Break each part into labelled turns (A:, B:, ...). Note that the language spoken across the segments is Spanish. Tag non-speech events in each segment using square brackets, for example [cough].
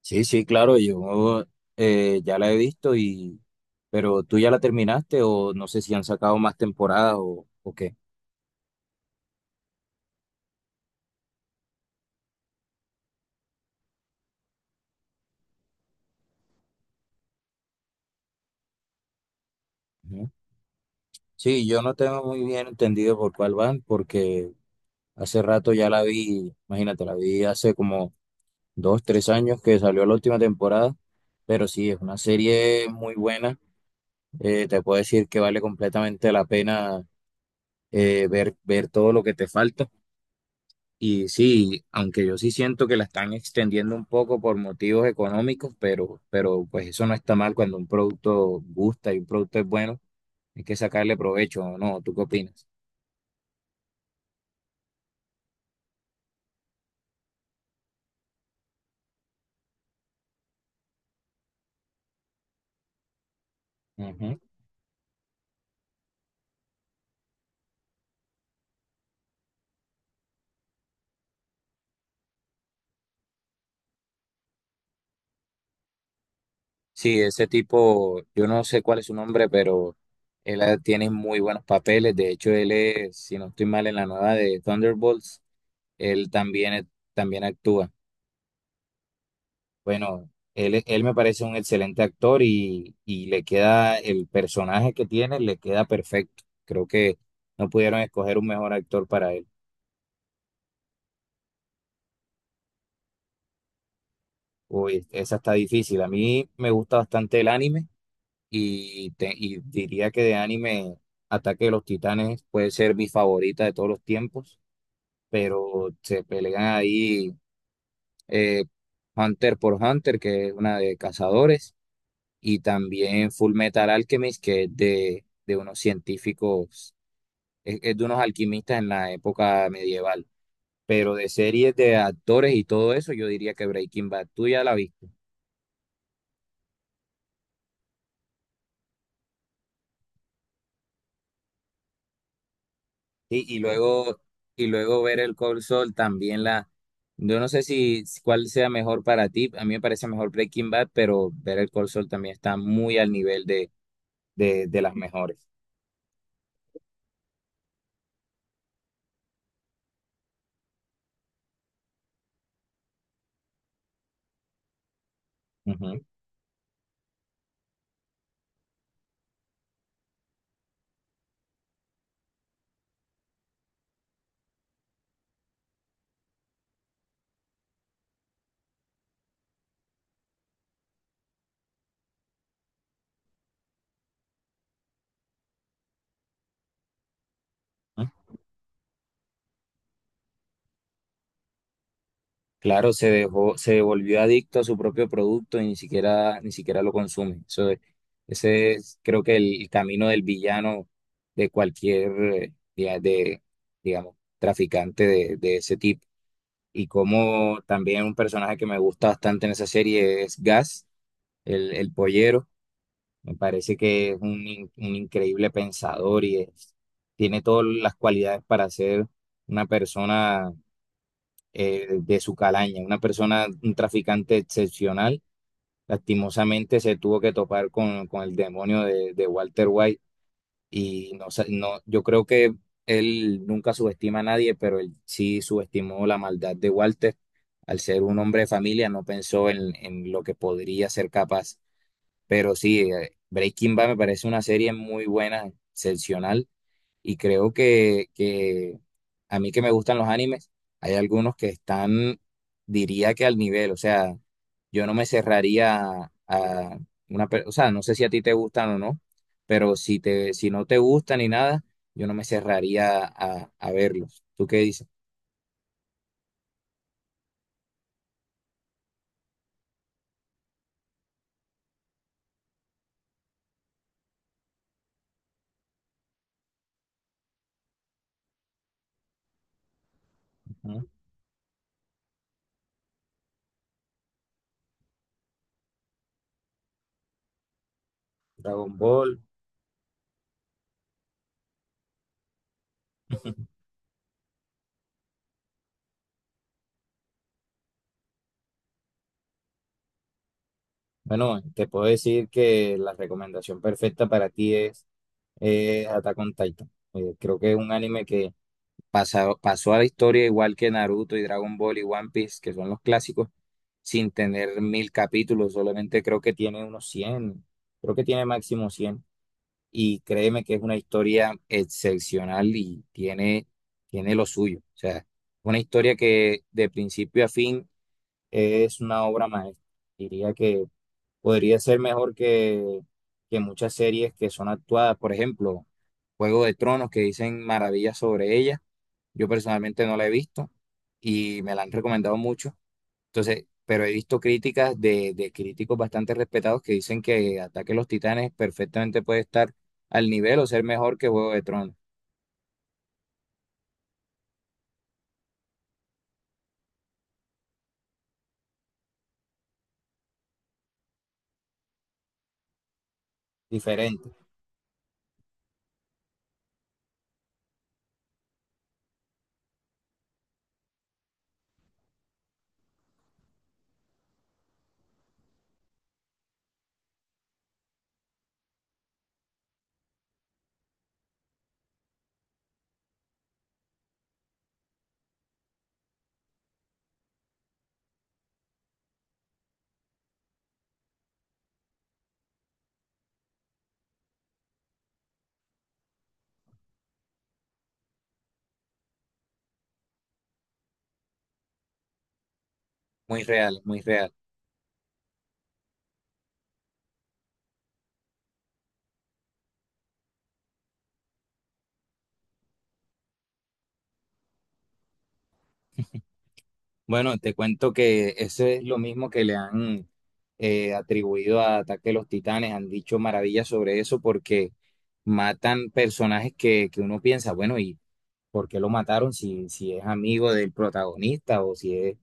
A: Sí, sí, claro, yo ya la he visto pero tú ya la terminaste o no sé si han sacado más temporadas o qué. Ujú. Sí, yo no tengo muy bien entendido por cuál van porque hace rato ya la vi, imagínate, la vi hace como dos, tres años que salió la última temporada, pero sí, es una serie muy buena. Te puedo decir que vale completamente la pena ver todo lo que te falta. Y sí, aunque yo sí siento que la están extendiendo un poco por motivos económicos, pero pues eso no está mal cuando un producto gusta y un producto es bueno, hay que sacarle provecho, ¿o no? ¿Tú qué opinas? Ujú. Sí, ese tipo, yo no sé cuál es su nombre, pero tiene muy buenos papeles. De hecho, él es, si no estoy mal, en la nueva de Thunderbolts, él también, también actúa. Bueno, él me parece un excelente actor y le queda el personaje que tiene, le queda perfecto. Creo que no pudieron escoger un mejor actor para él. Uy, esa está difícil. A mí me gusta bastante el anime y diría que de anime Ataque de los Titanes puede ser mi favorita de todos los tiempos, pero se pelean ahí eh, Hunter por Hunter, que es una de cazadores. Y también Full Metal Alchemist, que es de unos científicos, es de unos alquimistas en la época medieval. Pero de series de actores y todo eso, yo diría que Breaking Bad, tú ya la viste. Sí, y luego ver el Cold Soul también la. Yo no sé si cuál sea mejor para ti, a mí me parece mejor Breaking Bad, pero ver el Cold Soul también está muy al nivel de las mejores. Ujú. Claro, se dejó, se volvió adicto a su propio producto y ni siquiera, ni siquiera lo consume. Ese es, creo que el camino del villano de cualquier, digamos, traficante de ese tipo. Y como también un personaje que me gusta bastante en esa serie es Gas, el pollero. Me parece que es un increíble pensador tiene todas las cualidades para ser una persona de su calaña. Una persona, un traficante excepcional, lastimosamente se tuvo que topar con el demonio de Walter White y no, sa- no, yo creo que él nunca subestima a nadie, pero él sí subestimó la maldad de Walter. Al ser un hombre de familia, no pensó en lo que podría ser capaz. Pero sí, Breaking Bad me parece una serie muy buena, excepcional y creo que a mí que me gustan los animes, hay algunos que están, diría que al nivel, o sea, yo no me cerraría a o sea, no sé si a ti te gustan o no, pero si no te gustan ni nada, yo no me cerraría a verlos. ¿Tú qué dices? Ujú. Dragon Ball. Bueno, te puedo decir que la recomendación perfecta para ti es Attack on Titan. Creo que es un anime que pasó a la historia igual que Naruto y Dragon Ball y One Piece, que son los clásicos, sin tener mil capítulos, solamente creo que tiene unos cien, creo que tiene máximo cien. Y créeme que es una historia excepcional y tiene, tiene lo suyo. O sea, una historia que de principio a fin es una obra maestra. Diría que podría ser mejor que muchas series que son actuadas, por ejemplo, Juego de Tronos, que dicen maravillas sobre ella, yo personalmente no la he visto y me la han recomendado mucho. Entonces, pero he visto críticas de críticos bastante respetados que dicen que Ataque a los Titanes perfectamente puede estar al nivel o ser mejor que Juego de Tronos. Diferente, muy real, muy real. Bueno, te cuento que eso es lo mismo que le han atribuido a Ataque a los Titanes. Han dicho maravillas sobre eso porque matan personajes que uno piensa, bueno, ¿y por qué lo mataron si es amigo del protagonista o si es...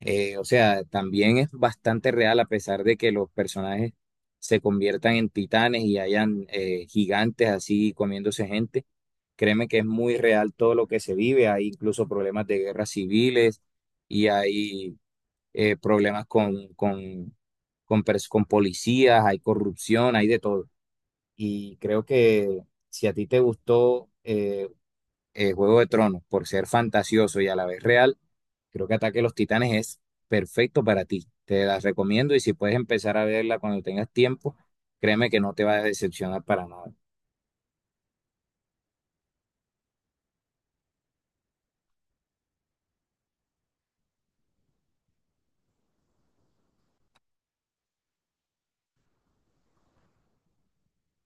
A: O sea, también es bastante real a pesar de que los personajes se conviertan en titanes y hayan gigantes así comiéndose gente. Créeme que es muy real todo lo que se vive. Hay incluso problemas de guerras civiles y hay problemas con policías, hay corrupción, hay de todo. Y creo que si a ti te gustó Juego de Tronos, por ser fantasioso y a la vez real, creo que Ataque de los Titanes es perfecto para ti. Te la recomiendo y si puedes empezar a verla cuando tengas tiempo, créeme que no te va a decepcionar para nada.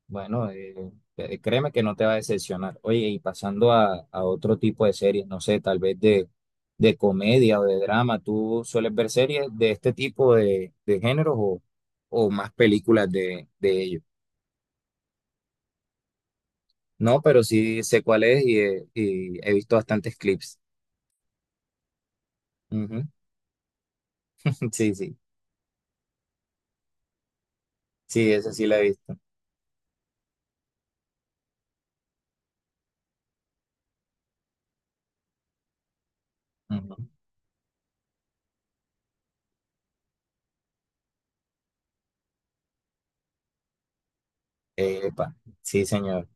A: Bueno, créeme que no te va a decepcionar. Oye, y pasando a otro tipo de series, no sé, tal vez de comedia o de drama, ¿tú sueles ver series de este tipo de géneros o más películas de ellos? No, pero sí sé cuál es y he visto bastantes clips. Ujú. [laughs] Sí, sí, sí, esa sí la he visto. Ujú. Epa, sí, señor.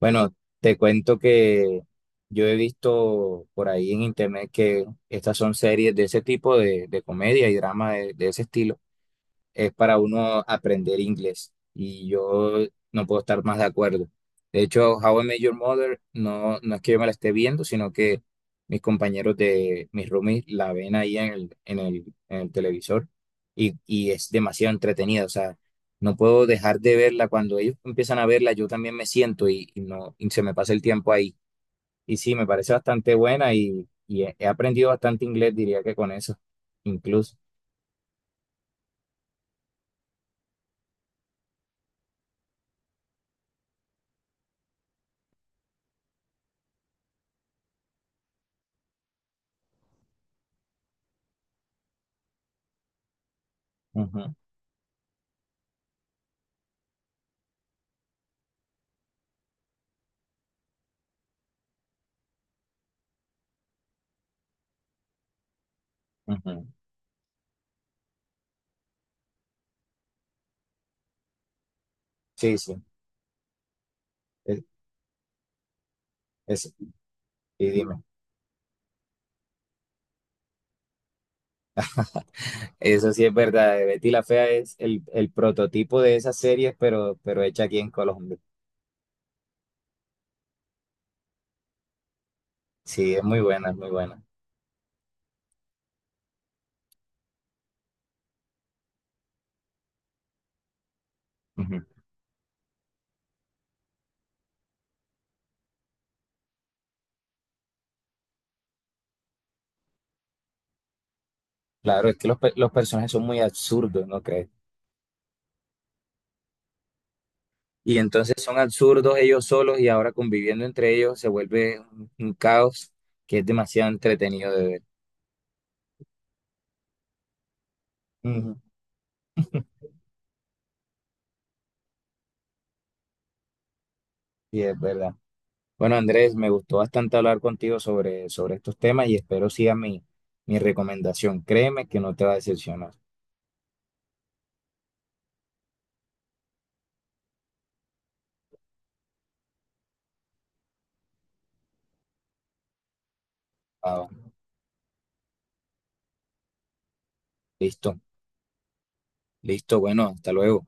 A: Bueno, te cuento que yo he visto por ahí en internet que estas son series de ese tipo de comedia y drama de ese estilo. Es para uno aprender inglés y yo no puedo estar más de acuerdo. De hecho, How I Met Your Mother no, no es que yo me la esté viendo, sino que mis compañeros de mis roomies la ven ahí en en el televisor y es demasiado entretenida. O sea, no puedo dejar de verla. Cuando ellos empiezan a verla, yo también me siento y no, y se me pasa el tiempo ahí. Y sí, me parece bastante buena y he aprendido bastante inglés, diría que con eso, incluso. Ujú, ujú. Sí, sí. Es, y dime. Eso sí es verdad. Betty la Fea es el prototipo de esas series, pero hecha aquí en Colombia. Sí, es muy buena, es muy buena. Ujú. Claro, es que los personajes son muy absurdos, ¿no crees? Y entonces son absurdos ellos solos y ahora conviviendo entre ellos se vuelve un caos que es demasiado entretenido de ver. Ujú. Sí, es verdad. Bueno, Andrés, me gustó bastante hablar contigo sobre estos temas y espero sigas mi recomendación. Créeme que no te va a decepcionar. Ah, listo. Listo, bueno, hasta luego.